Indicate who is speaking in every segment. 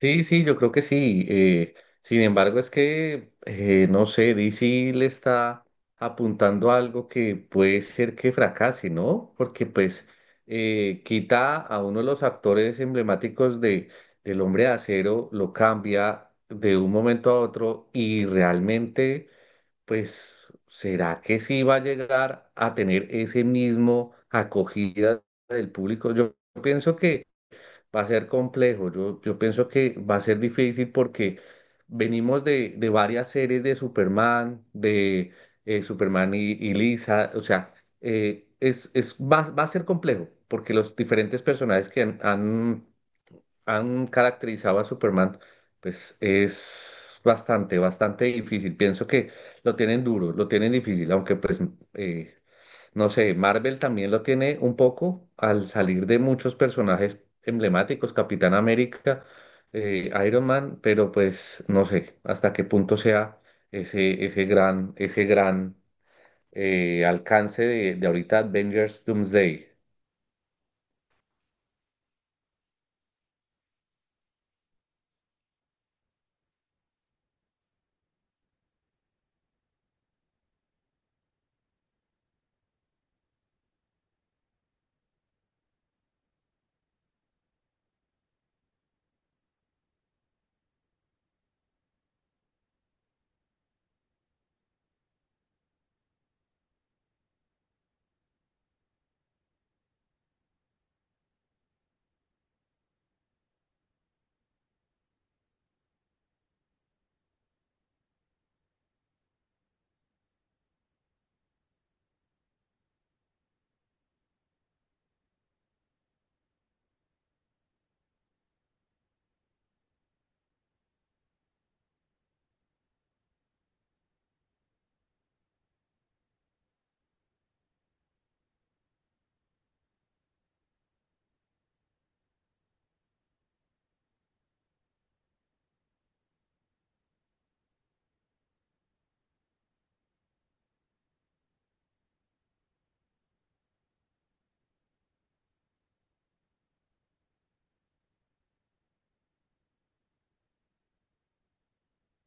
Speaker 1: Sí, sí, yo creo que sí. Sin embargo, es que, no sé, DC le está apuntando a algo que puede ser que fracase, ¿no? Porque pues quita a uno de los actores emblemáticos del Hombre de Acero, lo cambia de un momento a otro y realmente, pues, ¿será que sí va a llegar a tener ese mismo acogida del público? Yo pienso que va a ser complejo. Yo pienso que va a ser difícil porque venimos de varias series de Superman y Lisa. O sea, va a ser complejo porque los diferentes personajes que han caracterizado a Superman, pues es bastante, bastante difícil. Pienso que lo tienen duro, lo tienen difícil, aunque pues eh, no sé, Marvel también lo tiene un poco al salir de muchos personajes emblemáticos, Capitán América, Iron Man, pero pues no sé hasta qué punto sea ese gran alcance de ahorita Avengers Doomsday.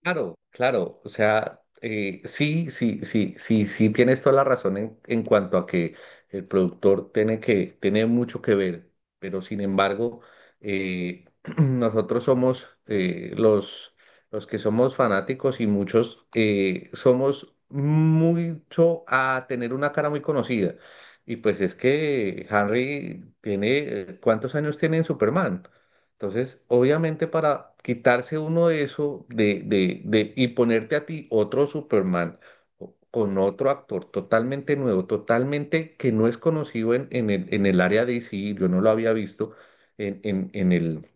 Speaker 1: Claro, claro, o sea, sí, sí, sí, sí, sí, tienes toda la razón en cuanto a que el productor tiene mucho que ver, pero sin embargo, eh, nosotros somos los que somos fanáticos y muchos somos mucho a tener una cara muy conocida. Y pues es que Henry tiene, ¿cuántos años tiene en Superman? Entonces, obviamente para quitarse uno de eso y ponerte a ti otro Superman con otro actor totalmente nuevo, totalmente que no es conocido en el área de DC, yo no lo había visto en, en, en el,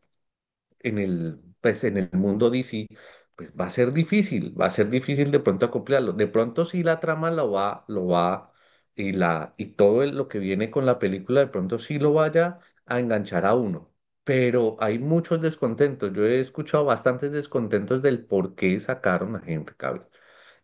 Speaker 1: pues, en el mundo DC, pues va a ser difícil, va a ser difícil de pronto acoplarlo. De pronto sí la trama y la, y todo el- lo que viene con la película, de pronto sí lo vaya a enganchar a uno. Pero hay muchos descontentos. Yo he escuchado bastantes descontentos del por qué sacaron a Henry Cavill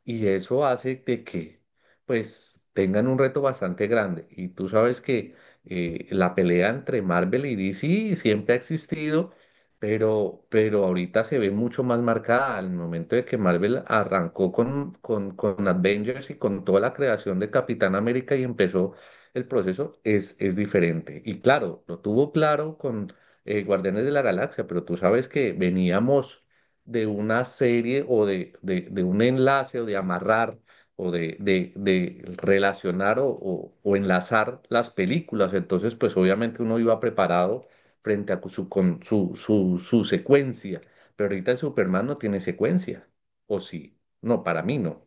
Speaker 1: y eso hace de que pues tengan un reto bastante grande. Y tú sabes que la pelea entre Marvel y DC siempre ha existido, pero ahorita se ve mucho más marcada al momento de que Marvel arrancó con Avengers y con toda la creación de Capitán América y empezó el proceso, es diferente. Y claro, lo tuvo claro con Guardianes de la Galaxia, pero tú sabes que veníamos de una serie o de un enlace o de amarrar o de relacionar o enlazar las películas. Entonces, pues obviamente uno iba preparado frente a su, con, su secuencia, pero ahorita el Superman no tiene secuencia, ¿o sí? No, para mí no.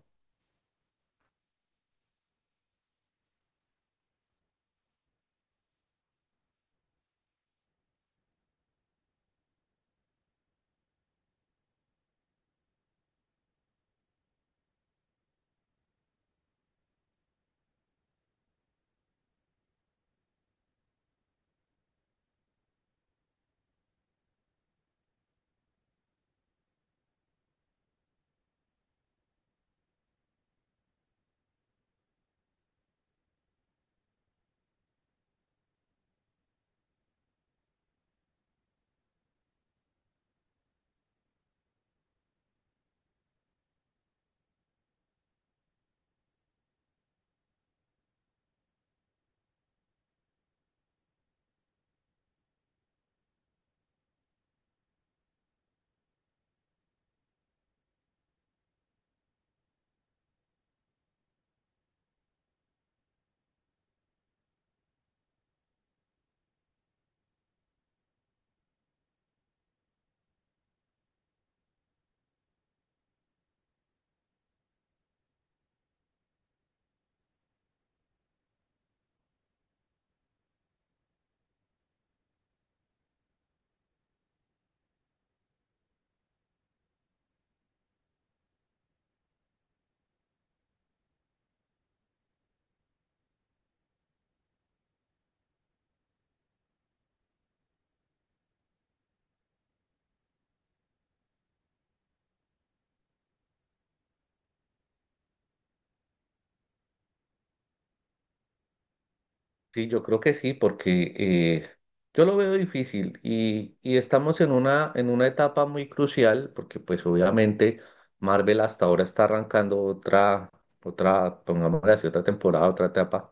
Speaker 1: Sí, yo creo que sí, porque yo lo veo difícil y estamos en una etapa muy crucial, porque pues obviamente Marvel hasta ahora está arrancando pongámosle así, otra temporada, otra etapa.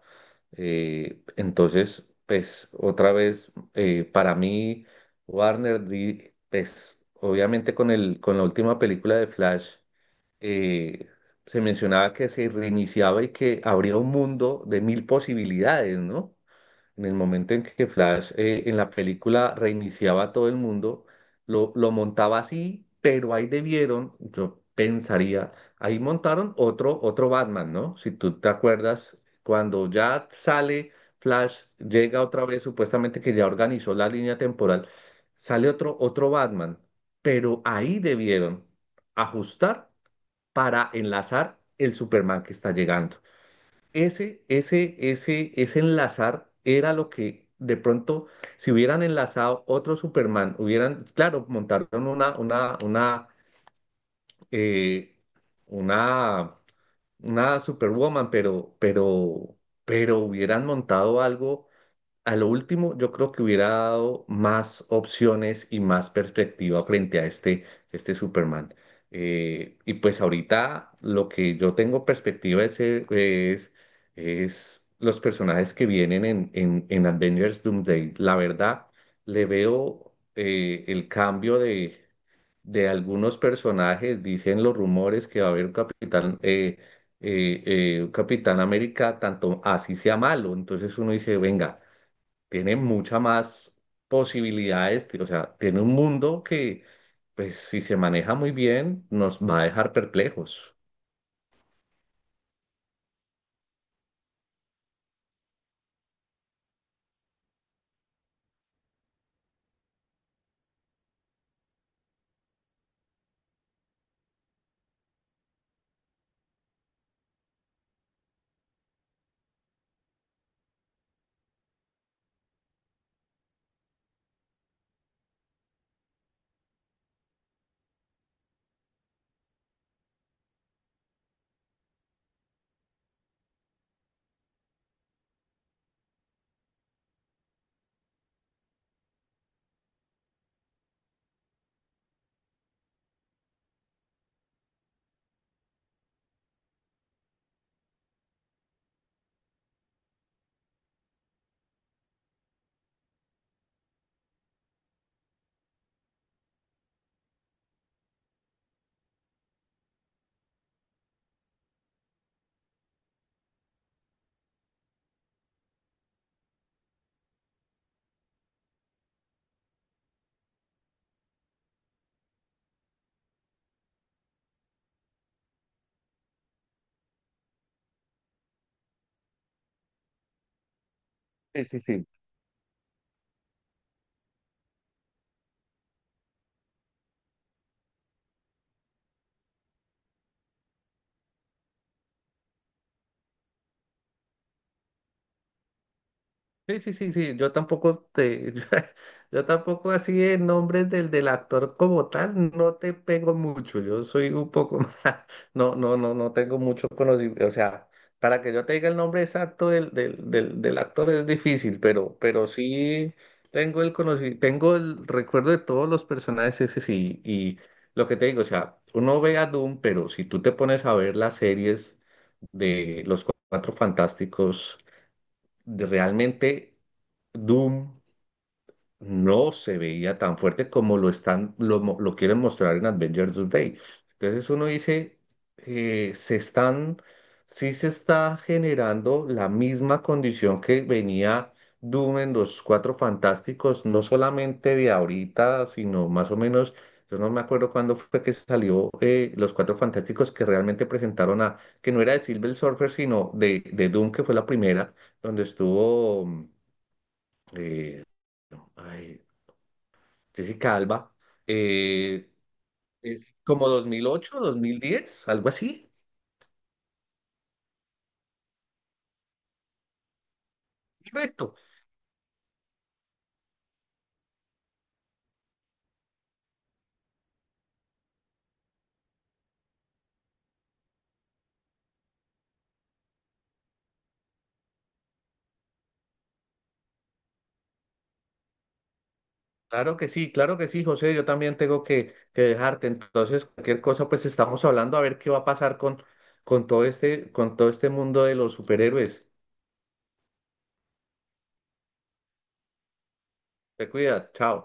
Speaker 1: Entonces, pues otra vez, para mí, Warner, pues obviamente con la última película de Flash, eh, se mencionaba que se reiniciaba y que habría un mundo de mil posibilidades, ¿no? En el momento en que Flash en la película reiniciaba a todo el mundo, lo montaba así, pero ahí debieron, yo pensaría, ahí montaron otro Batman, ¿no? Si tú te acuerdas, cuando ya sale Flash, llega otra vez, supuestamente que ya organizó la línea temporal, sale otro Batman, pero ahí debieron ajustar para enlazar el Superman que está llegando. Ese enlazar era lo que de pronto, si hubieran enlazado otro Superman, hubieran, claro, montaron eh, una, una Superwoman, pero hubieran montado algo a lo último, yo creo que hubiera dado más opciones y más perspectiva frente a este Superman. Y pues ahorita lo que yo tengo perspectiva es, es los personajes que vienen en Avengers Doomsday. La verdad, le veo el cambio de algunos personajes. Dicen los rumores que va a haber un Capitán América, tanto así sea malo. Entonces uno dice, venga tiene mucha más posibilidades, o sea, tiene un mundo que, pues, si se maneja muy bien, nos va a dejar perplejos. Sí, sí, sí. Sí, sí, sí, sí, yo tampoco te, yo, tampoco así en nombre del actor como tal, no te pego mucho, yo soy un poco más, no, no, no, no tengo mucho conocimiento, o sea, para que yo te diga el nombre exacto del actor es difícil, pero sí tengo el conocimiento, tengo el recuerdo de todos los personajes ese sí, y lo que te digo, o sea, uno ve a Doom, pero si tú te pones a ver las series de Los Cuatro Fantásticos, de realmente Doom no se veía tan fuerte como lo están, lo, mo- lo quieren mostrar en Avengers Day. Entonces uno dice, eh, se están, sí se está generando la misma condición que venía Doom en los Cuatro Fantásticos, no solamente de ahorita, sino más o menos, yo no me acuerdo cuándo fue que salió los Cuatro Fantásticos que realmente presentaron a, que no era de Silver Surfer, sino de Doom, que fue la primera, donde estuvo eh, no, ay, Jessica Alba, eh, es como 2008, 2010 algo así. Correcto. Claro que sí, José. Yo también tengo que dejarte. Entonces, cualquier cosa, pues estamos hablando a ver qué va a pasar con todo este mundo de los superhéroes. Te cuidas, chao.